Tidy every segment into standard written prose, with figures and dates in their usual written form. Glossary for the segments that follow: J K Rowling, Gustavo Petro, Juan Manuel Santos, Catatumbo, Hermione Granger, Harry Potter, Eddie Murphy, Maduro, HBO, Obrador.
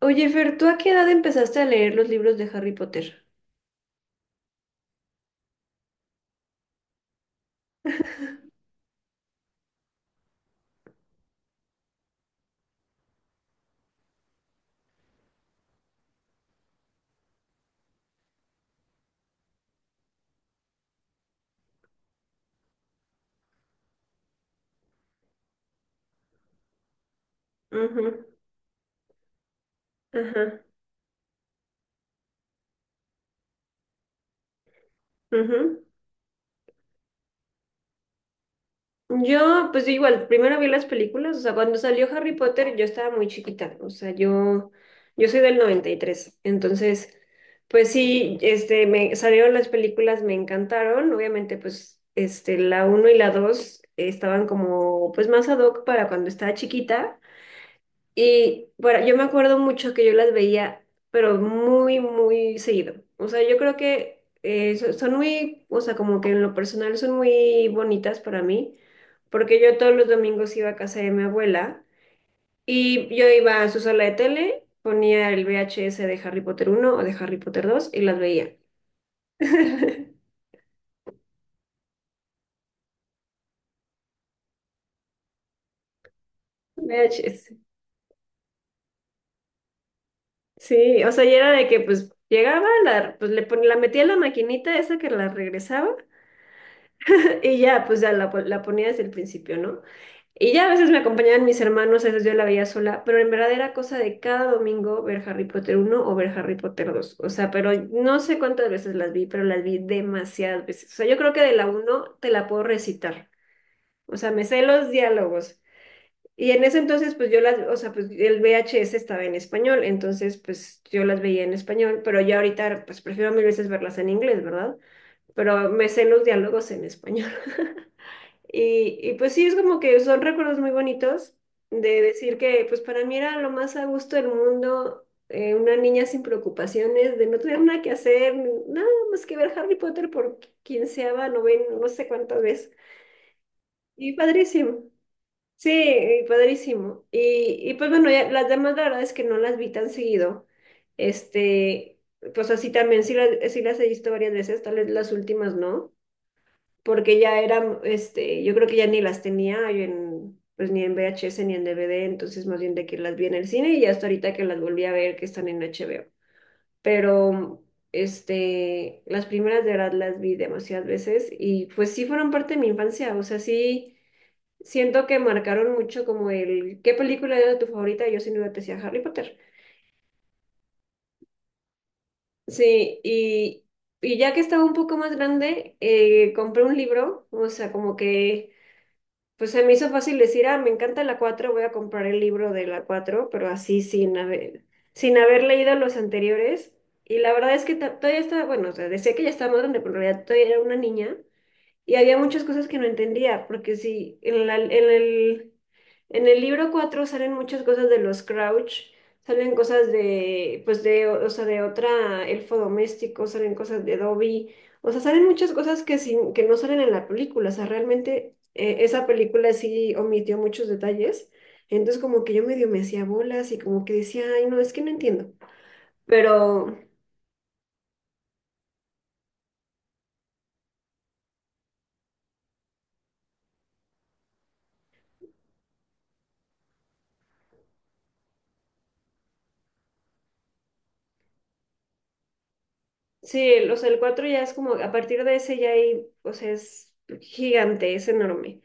Oye, Fer, ¿tú a qué edad empezaste a leer los libros de Harry Potter? Ujú, ajá, ujú. Yo, pues yo igual, primero vi las películas, o sea, cuando salió Harry Potter yo estaba muy chiquita, o sea, yo soy del 93. Entonces, pues sí, me salieron las películas, me encantaron, obviamente, pues, la uno y la 2 estaban como, pues, más ad hoc para cuando estaba chiquita. Y bueno, yo me acuerdo mucho que yo las veía, pero muy, muy seguido. O sea, yo creo que son muy, o sea, como que en lo personal son muy bonitas para mí, porque yo todos los domingos iba a casa de mi abuela y yo iba a su sala de tele, ponía el VHS de Harry Potter uno o de Harry Potter dos y las veía. VHS. Sí, o sea, y era de que pues llegaba, la, pues le pon- la metía en la maquinita esa que la regresaba. Y ya, pues ya la ponía desde el principio, ¿no? Y ya a veces me acompañaban mis hermanos, a veces yo la veía sola, pero en verdad era cosa de cada domingo ver Harry Potter uno o ver Harry Potter dos. O sea, pero no sé cuántas veces las vi, pero las vi demasiadas veces. O sea, yo creo que de la uno te la puedo recitar. O sea, me sé los diálogos. Y en ese entonces, pues yo las, o sea, pues el VHS estaba en español, entonces pues yo las veía en español, pero ya ahorita pues prefiero mil veces verlas en inglés, ¿verdad? Pero me sé los diálogos en español. Y pues sí, es como que son recuerdos muy bonitos de decir que pues para mí era lo más a gusto del mundo, una niña sin preocupaciones, de no tener nada que hacer, nada más que ver Harry Potter por quinceava, novena, no sé cuántas veces. Y padrísimo. Sí, y padrísimo. Y pues bueno, ya las demás la verdad es que no las vi tan seguido. Este, pues así también, sí las he visto varias veces, tal vez las últimas no porque ya eran, yo creo que ya ni las tenía yo pues ni en VHS ni en DVD, entonces más bien de que las vi en el cine y hasta ahorita que las volví a ver que están en HBO. Pero, las primeras de verdad las vi demasiadas veces y pues sí fueron parte de mi infancia, o sea, sí siento que marcaron mucho como el, ¿qué película era tu favorita? Yo sin duda te decía Harry Potter. Sí, y. Y ya que estaba un poco más grande, compré un libro, o sea, como que. Pues se me hizo fácil decir, ah, me encanta la cuatro, voy a comprar el libro de la cuatro, pero así sin haber leído los anteriores. Y la verdad es que todavía estaba, bueno, o sea, decía que ya estaba más grande, pero en realidad todavía era una niña. Y había muchas cosas que no entendía, porque sí, en el libro 4 salen muchas cosas de los Crouch, salen cosas de, pues de, o sea, de otra elfo doméstico, salen cosas de Dobby, o sea, salen muchas cosas que no salen en la película, o sea, realmente esa película sí omitió muchos detalles, entonces como que yo medio me hacía bolas y como que decía, ay, no, es que no entiendo. Sí, o sea, el 4 ya es como, a partir de ese ya hay, o sea, es gigante, es enorme.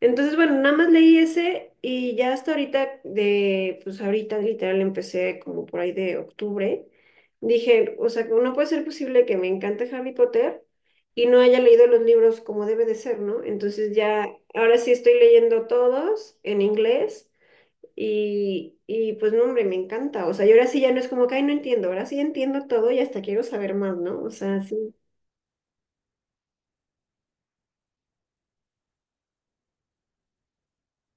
Entonces, bueno, nada más leí ese y ya hasta ahorita, pues ahorita literal empecé como por ahí de octubre. Dije, o sea, no puede ser posible que me encante Harry Potter y no haya leído los libros como debe de ser, ¿no? Entonces ya, ahora sí estoy leyendo todos en inglés y pues no, hombre, me encanta. O sea, yo ahora sí ya no es como que, ay, no entiendo, ahora sí entiendo todo y hasta quiero saber más, ¿no? O sea, sí.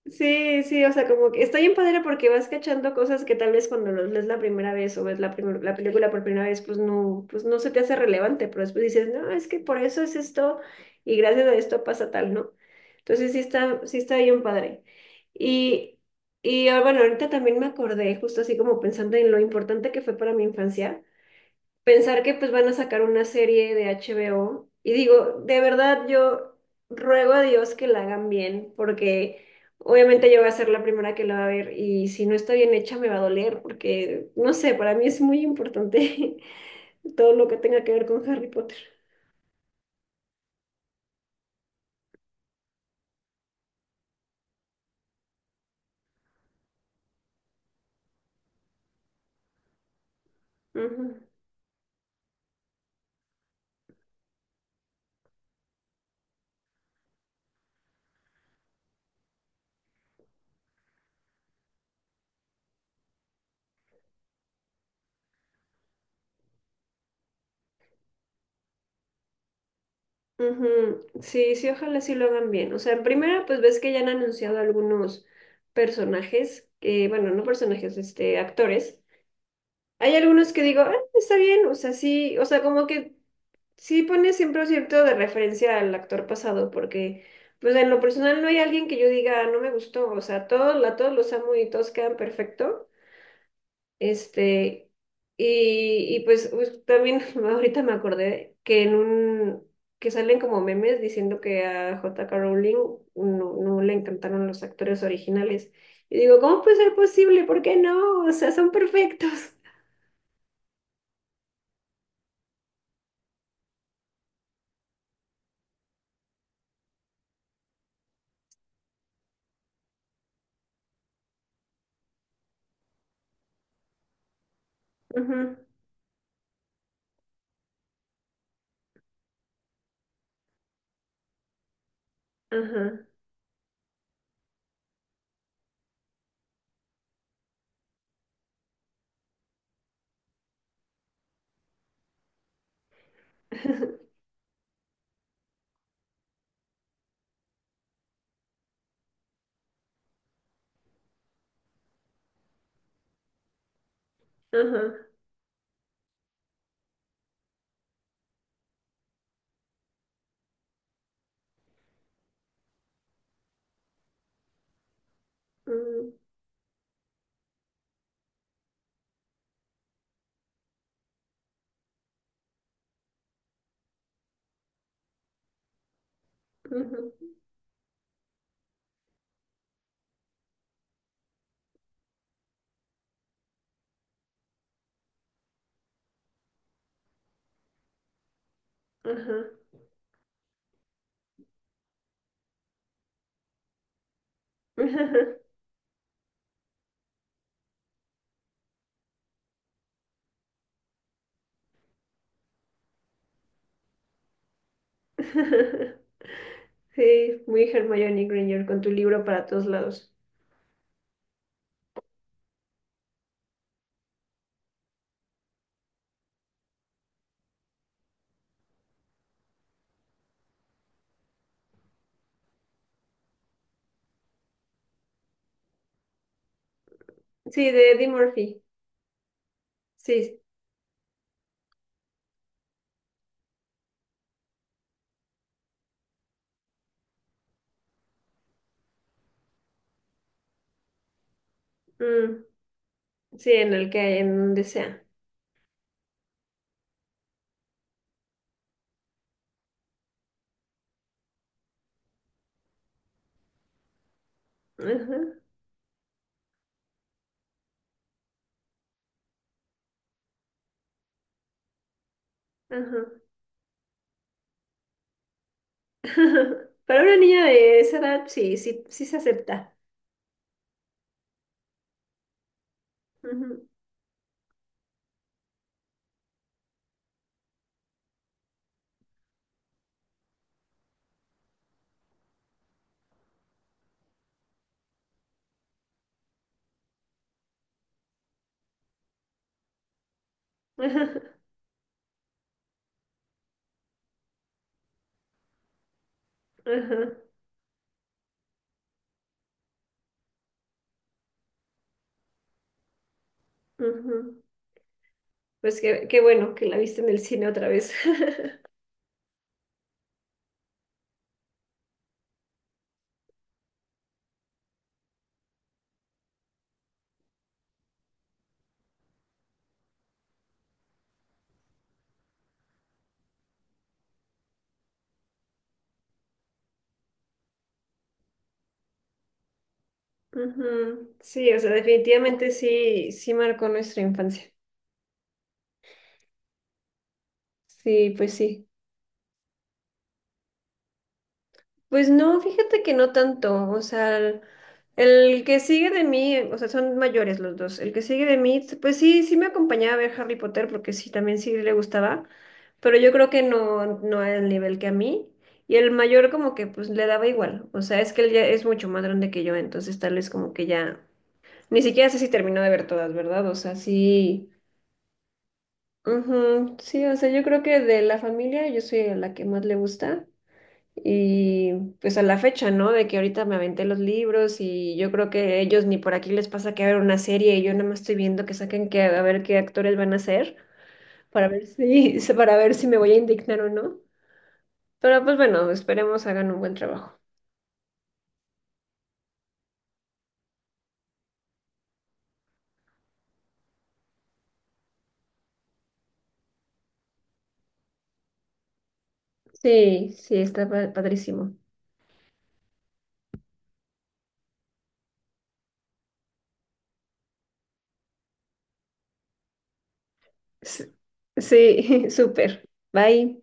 Sí, sí, o sea, como que está bien padre porque vas cachando cosas que tal vez cuando los lees la primera vez o ves la película por primera vez, pues no se te hace relevante, pero después dices, no, es que por eso es esto y gracias a esto pasa tal, ¿no? Entonces sí está bien padre. Y, y ah, bueno, ahorita también me acordé, justo así como pensando en lo importante que fue para mi infancia. Pensar que pues van a sacar una serie de HBO y digo, de verdad yo ruego a Dios que la hagan bien porque obviamente yo voy a ser la primera que la va a ver y si no está bien hecha me va a doler porque no sé, para mí es muy importante todo lo que tenga que ver con Harry Potter. Ujú, ujú. Sí, sí, ojalá sí lo hagan bien. O sea, en primera, pues ves que ya han anunciado algunos personajes, que, bueno, no personajes, actores. Hay algunos que digo, "Ah, está bien, o sea, sí, o sea, como que sí pone siempre un cierto de referencia al actor pasado, porque pues en lo personal no hay alguien que yo diga, "Ah, no me gustó, o sea, todos, a todos los amo y todos quedan perfecto. Este, y pues, también ahorita me acordé que que salen como memes diciendo que a J.K. Rowling no, no le encantaron los actores originales. Y digo, ¿cómo puede ser posible? ¿Por qué no? O sea, son perfectos. Ujú. Ajá. Ajá. Mm, ujú, ajá. Sí, muy Hermione Granger con tu libro para todos lados. Sí, de Eddie Murphy. Sí. Mm, sí, en el que en donde sea. Ajá. Ajá. Para una niña de esa edad, sí, sí, sí se acepta. Ujú, ajá. Ajá. Ujú. Pues qué bueno que la viste en el cine otra vez. Ujú. Sí, o sea, definitivamente sí, sí marcó nuestra infancia. Sí. Pues no, fíjate que no tanto. O sea, el que sigue de mí, o sea, son mayores los dos. El que sigue de mí, pues sí, sí me acompañaba a ver Harry Potter porque sí, también sí le gustaba, pero yo creo que no, no al nivel que a mí. Y el mayor como que pues le daba igual. O sea, es que él ya es mucho más grande que yo, entonces tal vez como que ya, ni siquiera sé si terminó de ver todas, ¿verdad? O sea, sí. Ujú, sí, o sea, yo creo que de la familia yo soy a la que más le gusta y pues a la fecha, ¿no? De que ahorita me aventé los libros y yo creo que ellos ni por aquí les pasa que hagan una serie y yo nada más estoy viendo que saquen que a ver qué actores van a ser para ver si para ver si me voy a indignar o no. Pero pues bueno, esperemos hagan un buen trabajo. Sí, sí, está padrísimo. Sí, sí, súper. Bye.